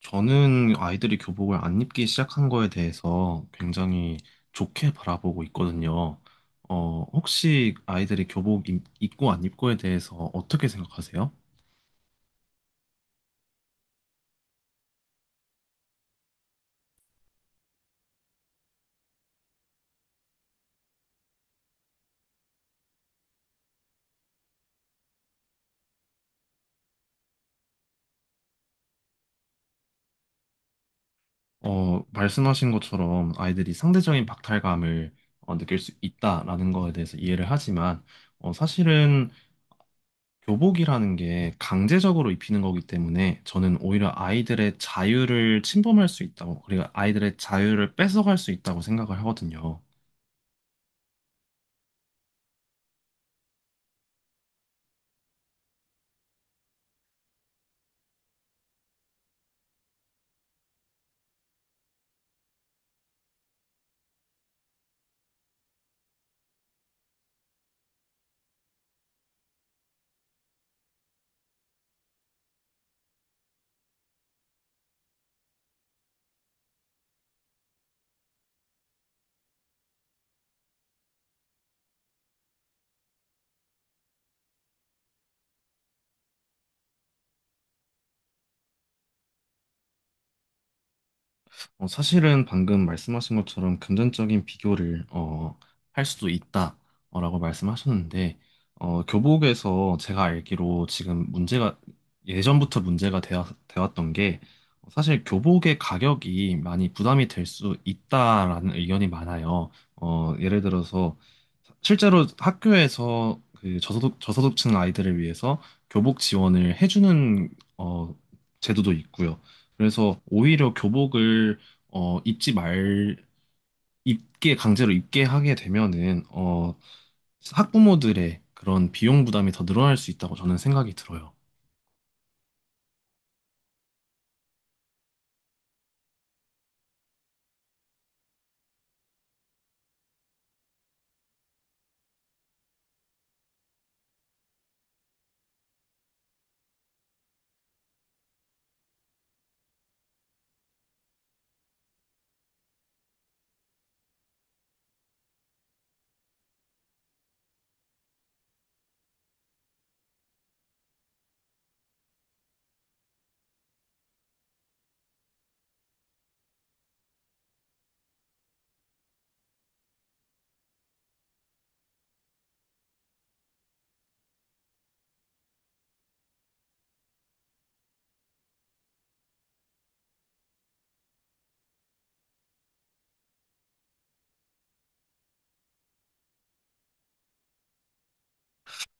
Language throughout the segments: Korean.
저는 아이들이 교복을 안 입기 시작한 거에 대해서 굉장히 좋게 바라보고 있거든요. 혹시 아이들이 입고 안 입고에 대해서 어떻게 생각하세요? 말씀하신 것처럼 아이들이 상대적인 박탈감을 느낄 수 있다라는 거에 대해서 이해를 하지만 사실은 교복이라는 게 강제적으로 입히는 거기 때문에 저는 오히려 아이들의 자유를 침범할 수 있다고, 그리고 아이들의 자유를 뺏어갈 수 있다고 생각을 하거든요. 사실은 방금 말씀하신 것처럼 금전적인 비교를 할 수도 있다라고 말씀하셨는데 교복에서 제가 알기로 지금 문제가 예전부터 되었던 게 사실 교복의 가격이 많이 부담이 될 수 있다라는 의견이 많아요. 예를 들어서 실제로 학교에서 그 저소득층 아이들을 위해서 교복 지원을 해주는 어, 제도도 있고요. 그래서 오히려 교복을 어, 입지 말, 입게, 강제로 입게 하게 되면은, 학부모들의 그런 비용 부담이 더 늘어날 수 있다고 저는 생각이 들어요.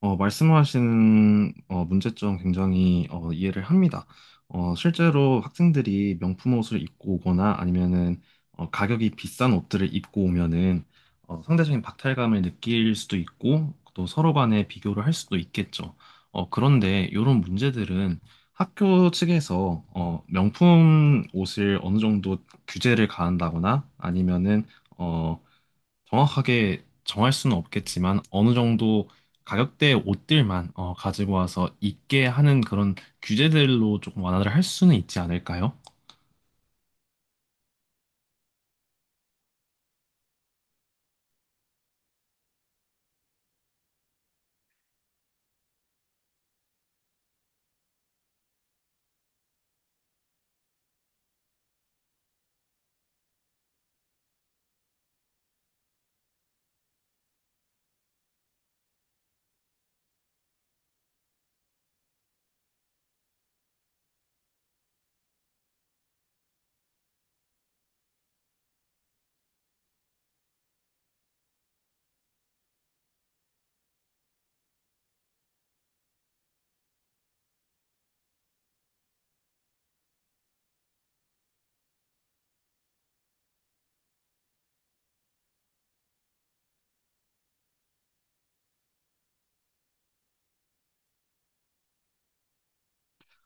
말씀하신 문제점 굉장히 이해를 합니다. 실제로 학생들이 명품 옷을 입고 오거나 아니면은 가격이 비싼 옷들을 입고 오면은 상대적인 박탈감을 느낄 수도 있고 또 서로 간에 비교를 할 수도 있겠죠. 그런데 이런 문제들은 학교 측에서 명품 옷을 어느 정도 규제를 가한다거나 아니면은 어, 정확하게 정할 수는 없겠지만 어느 정도 가격대의 옷들만 가지고 와서 입게 하는 그런 규제들로 조금 완화를 할 수는 있지 않을까요?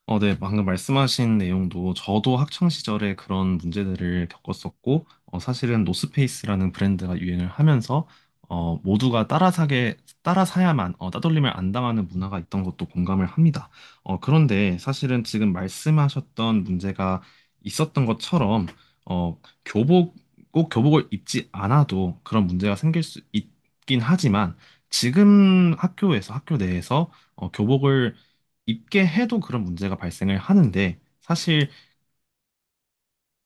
네, 방금 말씀하신 내용도 저도 학창 시절에 그런 문제들을 겪었었고, 사실은 노스페이스라는 브랜드가 유행을 하면서 어, 모두가 따라 사게 따라 사야만 따돌림을 안 당하는 문화가 있던 것도 공감을 합니다. 그런데 사실은 지금 말씀하셨던 문제가 있었던 것처럼 어, 교복 꼭 교복을 입지 않아도 그런 문제가 생길 수 있긴 하지만 지금 학교 내에서 교복을 입게 해도 그런 문제가 발생을 하는데 사실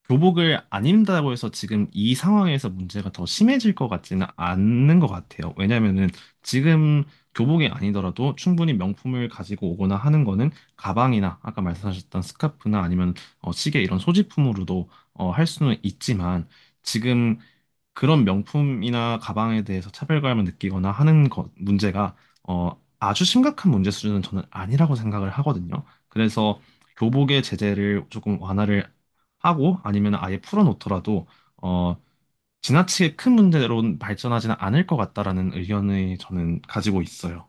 교복을 안 입는다고 해서 지금 이 상황에서 문제가 더 심해질 것 같지는 않는 것 같아요. 왜냐면은 지금 교복이 아니더라도 충분히 명품을 가지고 오거나 하는 거는 가방이나 아까 말씀하셨던 스카프나 아니면 시계 이런 소지품으로도 할 수는 있지만 지금 그런 명품이나 가방에 대해서 차별감을 느끼거나 하는 것 문제가 아주 심각한 문제 수준은 저는 아니라고 생각을 하거든요. 그래서 교복의 제재를 조금 완화를 하고 아니면 아예 풀어놓더라도 어, 지나치게 큰 문제로 발전하지는 않을 것 같다라는 의견을 저는 가지고 있어요.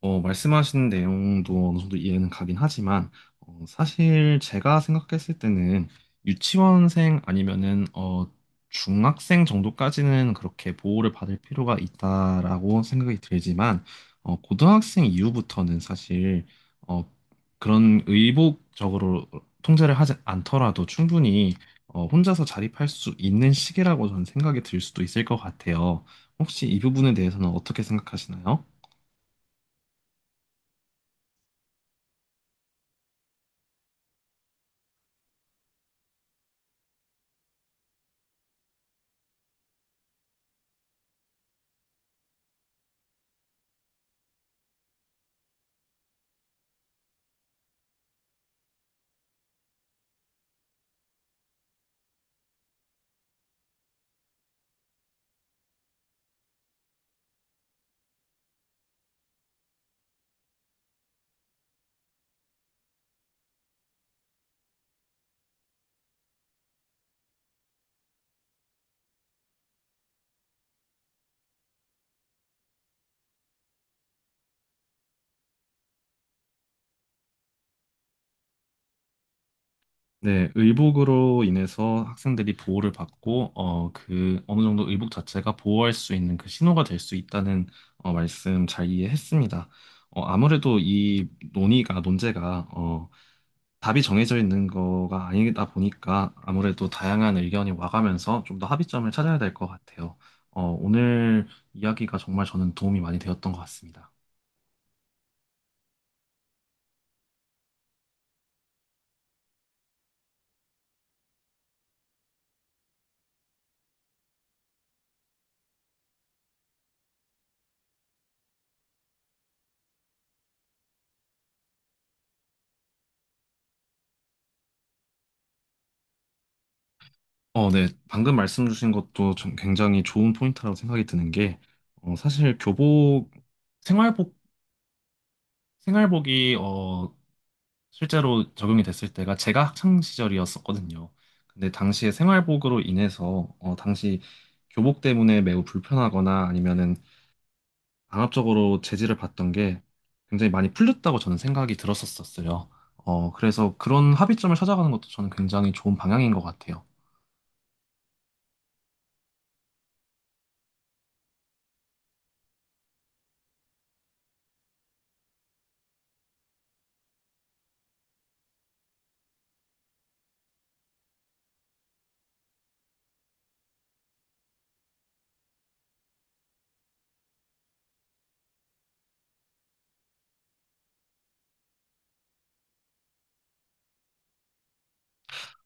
말씀하신 내용도 어느 정도 이해는 가긴 하지만, 사실 제가 생각했을 때는 유치원생 아니면은, 중학생 정도까지는 그렇게 보호를 받을 필요가 있다라고 생각이 들지만, 고등학생 이후부터는 사실, 어, 그런 의복적으로 통제를 하지 않더라도 충분히, 혼자서 자립할 수 있는 시기라고 저는 생각이 들 수도 있을 것 같아요. 혹시 이 부분에 대해서는 어떻게 생각하시나요? 네, 의복으로 인해서 학생들이 보호를 받고, 어느 정도 의복 자체가 보호할 수 있는 그 신호가 될 수 있다는, 말씀 잘 이해했습니다. 아무래도 이 논제가, 답이 정해져 있는 거가 아니다 보니까 아무래도 다양한 의견이 와가면서 좀 더 합의점을 찾아야 될 것 같아요. 오늘 이야기가 정말 저는 도움이 많이 되었던 것 같습니다. 네. 방금 말씀 주신 것도 좀 굉장히 좋은 포인트라고 생각이 드는 게, 사실 생활복, 생활복이, 실제로 적용이 됐을 때가 제가 학창 시절이었었거든요. 근데 당시에 생활복으로 인해서, 당시 교복 때문에 매우 불편하거나 아니면은 강압적으로 제지를 받던 게 굉장히 많이 풀렸다고 저는 생각이 들었었어요. 그래서 그런 합의점을 찾아가는 것도 저는 굉장히 좋은 방향인 것 같아요.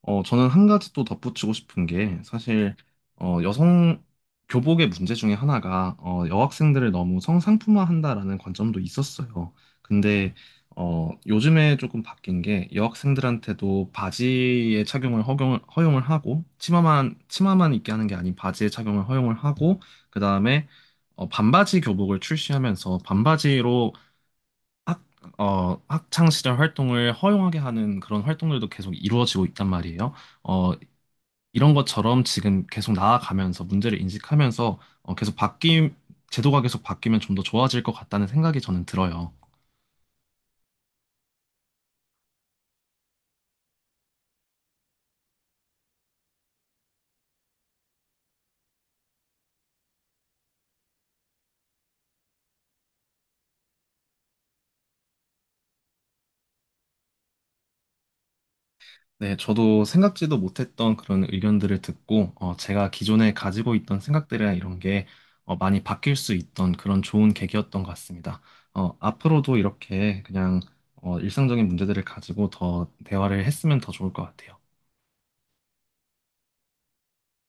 저는 한 가지 또 덧붙이고 싶은 게 사실 여성 교복의 문제 중에 하나가 여학생들을 너무 성상품화한다라는 관점도 있었어요. 근데 요즘에 조금 바뀐 게 여학생들한테도 허용을 하고 치마만 입게 하는 게 아닌 바지의 착용을 허용을 하고 그다음에 반바지 교복을 출시하면서 학, 학창 시절 활동을 허용하게 하는 그런 활동들도 계속 이루어지고 있단 말이에요. 어, 이런 것처럼 지금 계속 나아가면서 문제를 인식하면서 제도가 계속 바뀌면 좀 더 좋아질 것 같다는 생각이 저는 들어요. 네, 저도 생각지도 못했던 그런 의견들을 듣고 제가 기존에 가지고 있던 생각들이나 이런 게 많이 바뀔 수 있던 그런 좋은 계기였던 것 같습니다. 앞으로도 이렇게 그냥 일상적인 문제들을 가지고 더 대화를 했으면 더 좋을 것 같아요.